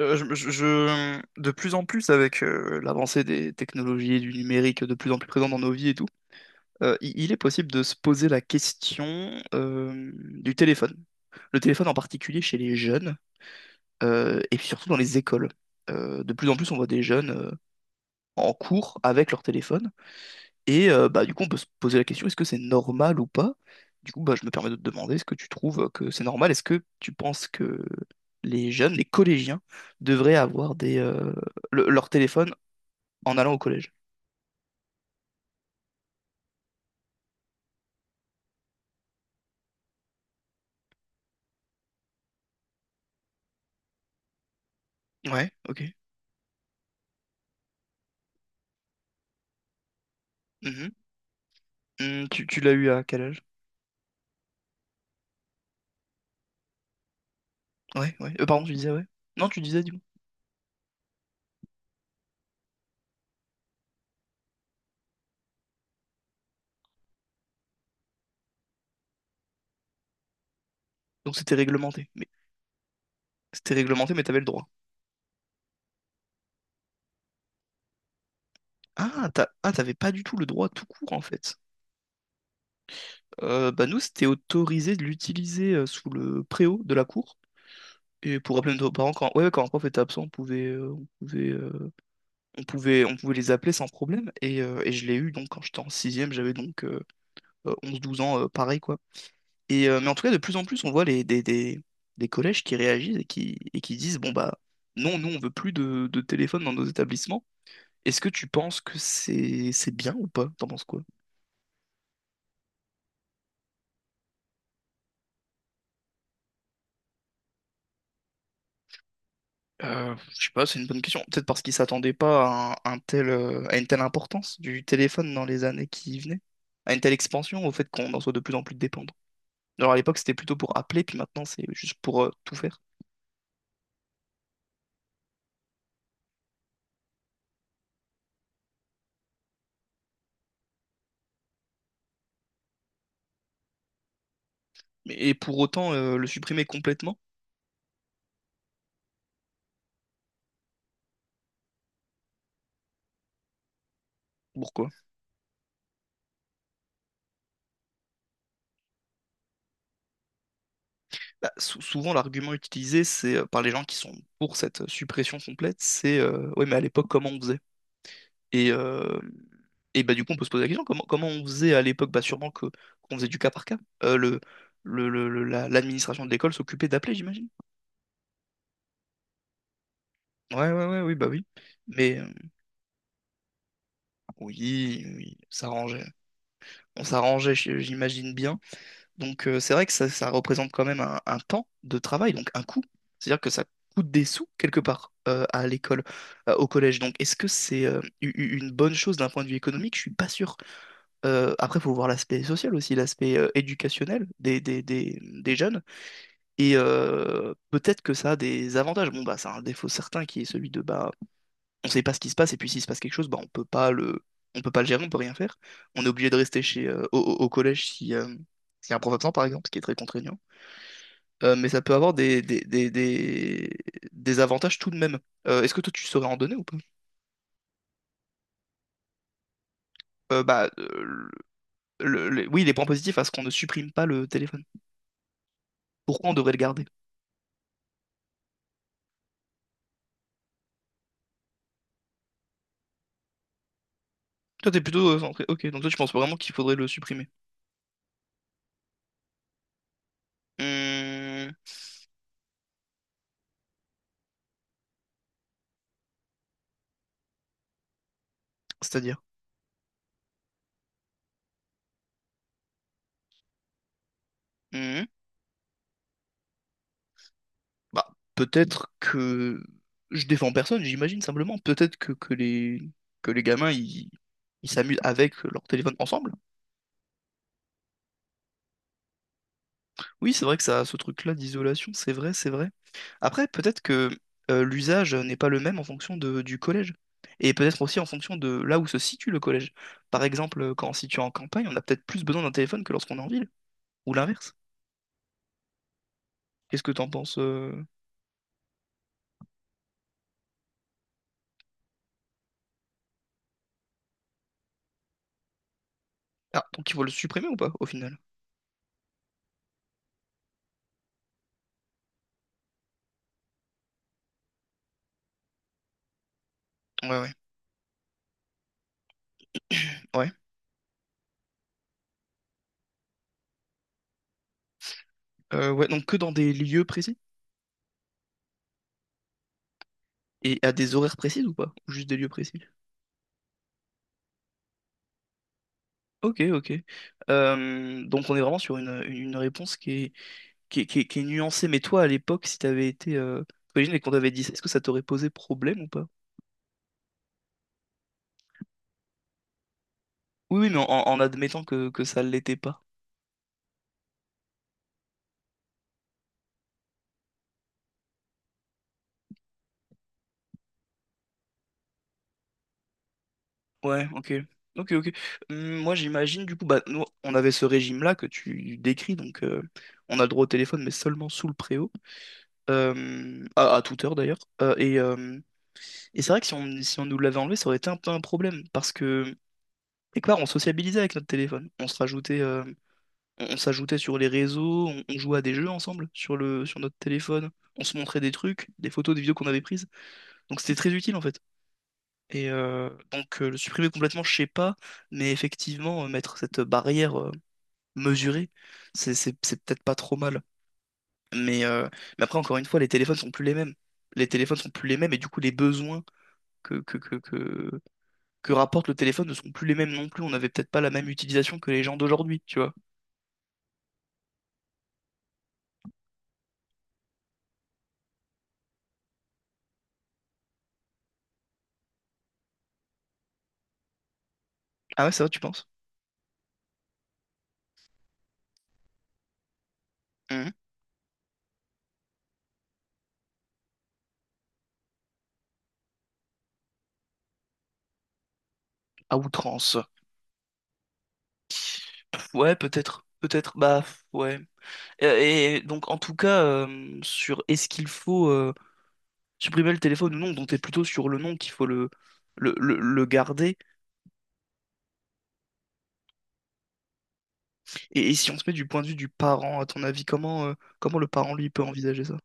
De plus en plus, avec l'avancée des technologies et du numérique de plus en plus présent dans nos vies et tout, il est possible de se poser la question du téléphone. Le téléphone en particulier chez les jeunes et puis surtout dans les écoles. De plus en plus, on voit des jeunes en cours avec leur téléphone. Et bah, du coup, on peut se poser la question, est-ce que c'est normal ou pas? Du coup, bah, je me permets de te demander, est-ce que tu trouves que c'est normal? Est-ce que tu penses que les jeunes, les collégiens, devraient avoir leur téléphone en allant au collège? Ouais, ok. Mhm. Mm, tu l'as eu à quel âge? Ouais, ouais. Pardon, tu disais ouais. Non, tu disais du coup. Donc c'était réglementé. Mais c'était réglementé, mais t'avais le droit. Ah, t'avais pas du tout le droit tout court en fait. Bah nous, c'était autorisé de l'utiliser sous le préau de la cour. Et pour appeler nos parents, quand, ouais, ouais, quand un prof était absent, on pouvait, euh, on pouvait les appeler sans problème. Et je l'ai eu donc quand j'étais en sixième, j'avais donc 11-12 ans, pareil quoi. Mais en tout cas, de plus en plus, on voit des collèges qui réagissent et qui disent, bon bah non, nous on veut plus de téléphone dans nos établissements. Est-ce que tu penses que c'est bien ou pas? T'en penses quoi? Je sais pas, c'est une bonne question. Peut-être parce qu'ils s'attendaient pas un tel, à une telle importance du téléphone dans les années qui venaient, à une telle expansion, au fait qu'on en soit de plus en plus dépendant. Alors à l'époque, c'était plutôt pour appeler, puis maintenant, c'est juste pour tout faire. Et pour autant, le supprimer complètement, pourquoi? Bah, souvent, l'argument utilisé c'est par les gens qui sont pour cette suppression complète, c'est ouais, mais à l'époque, comment on faisait? Et, euh, et bah, du coup, on peut se poser la question, comment on faisait à l'époque? Bah, sûrement qu'on faisait du cas par cas. Euh, le, L'administration de l'école s'occupait d'appeler, j'imagine. Ouais, ouais, ouais, oui, bah oui. Mais oui, oui, on s'arrangeait. On s'arrangeait, j'imagine bien. Donc, c'est vrai que ça représente quand même un temps de travail, donc un coût. C'est-à-dire que ça coûte des sous, quelque part, à l'école, au collège. Donc, est-ce que c'est une bonne chose d'un point de vue économique? Je suis pas sûr. Après, il faut voir l'aspect social aussi, l'aspect éducationnel des jeunes. Et peut-être que ça a des avantages. Bon, bah, ça a un défaut certain qui est celui de, bah, on sait pas ce qui se passe, et puis s'il se passe quelque chose, bah, on peut pas le gérer, on peut rien faire. On est obligé de rester au collège si, s'il y a un prof absent, par exemple, ce qui est très contraignant. Mais ça peut avoir des avantages tout de même. Est-ce que toi, tu saurais en donner ou pas? Bah, oui, les points positifs à ce qu'on ne supprime pas le téléphone. Pourquoi on devrait le garder? Toi, t'es plutôt. Centré- Ok, donc toi, tu penses vraiment qu'il faudrait le supprimer. Hmm, c'est-à-dire. Hmm, bah, peut-être que. Je défends personne, j'imagine simplement. Peut-être que les gamins, ils s'amusent avec leur téléphone ensemble. Oui, c'est vrai que ça a ce truc-là d'isolation, c'est vrai, c'est vrai. Après, peut-être que l'usage n'est pas le même en fonction du collège. Et peut-être aussi en fonction de là où se situe le collège. Par exemple, quand on se situe en campagne, on a peut-être plus besoin d'un téléphone que lorsqu'on est en ville. Ou l'inverse. Qu'est-ce que t'en penses? Ah, donc ils vont le supprimer ou pas, au final? Ouais, ouais, ouais. Ouais, donc que dans des lieux précis? Et à des horaires précis ou pas? Ou juste des lieux précis. Ok, ok. Donc on est vraiment sur une réponse qui est nuancée. Mais toi, à l'époque, si t'avais été... t'imagines, et qu'on t'avait dit ça, est-ce que ça t'aurait posé problème ou pas? Oui, oui, mais en admettant que ça ne l'était pas. Ouais, ok. Ok, ok. Moi, j'imagine, du coup, bah, nous, on avait ce régime-là que tu décris, donc on a le droit au téléphone, mais seulement sous le préau. À à toute heure d'ailleurs. Et c'est vrai que si on nous l'avait enlevé, ça aurait été un peu un problème, parce que, quelque part, on sociabilisait avec notre téléphone. On s'ajoutait sur les réseaux, on jouait à des jeux ensemble sur notre téléphone, on se montrait des trucs, des photos, des vidéos qu'on avait prises. Donc c'était très utile en fait. Le supprimer complètement, je sais pas, mais effectivement, mettre cette barrière mesurée, c'est peut-être pas trop mal. Mais, euh, mais après, encore une fois, les téléphones sont plus les mêmes. Les téléphones sont plus les mêmes et du coup, les besoins que, que, que, que, que rapporte le téléphone ne sont plus les mêmes non plus. On n'avait peut-être pas la même utilisation que les gens d'aujourd'hui, tu vois. Ah ouais, c'est vrai, tu penses? Mhm. À outrance. Ouais, peut-être. Peut-être. Bah, ouais. Et donc, en tout cas, sur est-ce qu'il faut supprimer le téléphone ou non, donc t'es plutôt sur le non qu'il faut le garder. Et si on se met du point de vue du parent, à ton avis, comment le parent, lui, peut envisager ça?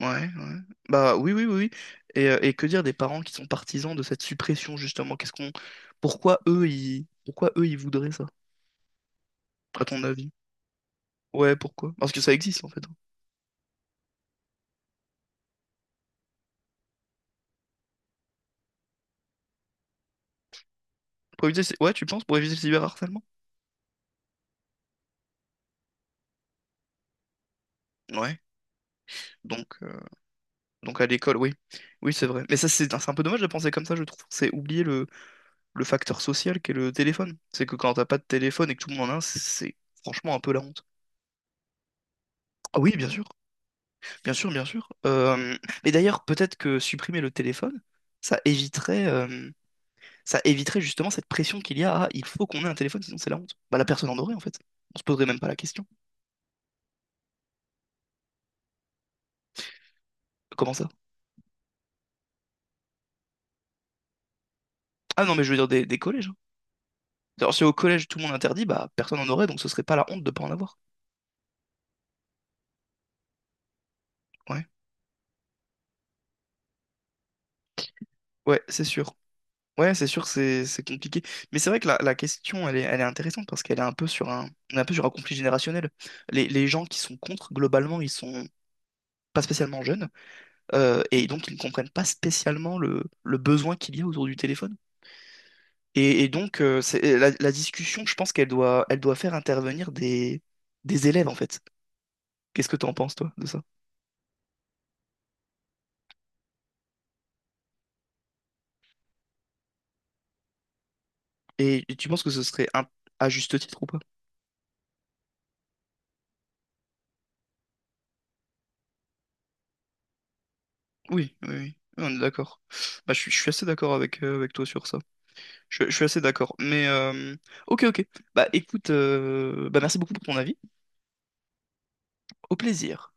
Ouais, ouais. Bah oui, oui, oui, oui. Et que dire des parents qui sont partisans de cette suppression, justement? Qu'est-ce qu'on... Pourquoi eux, ils voudraient ça, à ton avis? Ouais, pourquoi? Parce que ça existe, en fait. Pour éviter... le cy- Ouais, tu penses, pour éviter le cyberharcèlement? Ouais. Donc, euh, donc à l'école, oui. Oui, c'est vrai. Mais ça, c'est un peu dommage de penser comme ça, je trouve. C'est oublier le facteur social qu'est le téléphone. C'est que quand t'as pas de téléphone et que tout le monde en a un, c'est franchement un peu la honte. Ah oui, bien sûr. Bien sûr, bien sûr. Mais d'ailleurs, peut-être que supprimer le téléphone, ça éviterait, euh, ça éviterait justement cette pression qu'il y a. Ah, il faut qu'on ait un téléphone, sinon c'est la honte. Bah, la personne en aurait, en fait. On se poserait même pas la question. Comment ça? Ah non, mais je veux dire des collèges, hein. Alors, si au collège tout le monde interdit, bah, personne en aurait, donc ce serait pas la honte de pas en avoir. Ouais. Ouais, c'est sûr. Ouais, c'est sûr, c'est compliqué. Mais c'est vrai que la question, elle est intéressante parce qu'elle est un peu on est un peu sur un conflit générationnel. Les gens qui sont contre, globalement, ils sont pas spécialement jeunes. Et donc ils ne comprennent pas spécialement le besoin qu'il y a autour du téléphone. Et donc la discussion, je pense elle doit faire intervenir des élèves en fait. Qu'est-ce que tu en penses toi de ça? Et tu penses que ce serait à juste titre ou pas? Oui, oui, oui. On est d'accord. Bah, je suis assez d'accord avec toi sur ça. Je suis assez d'accord. Ok, ok. Bah écoute, bah merci beaucoup pour ton avis. Au plaisir.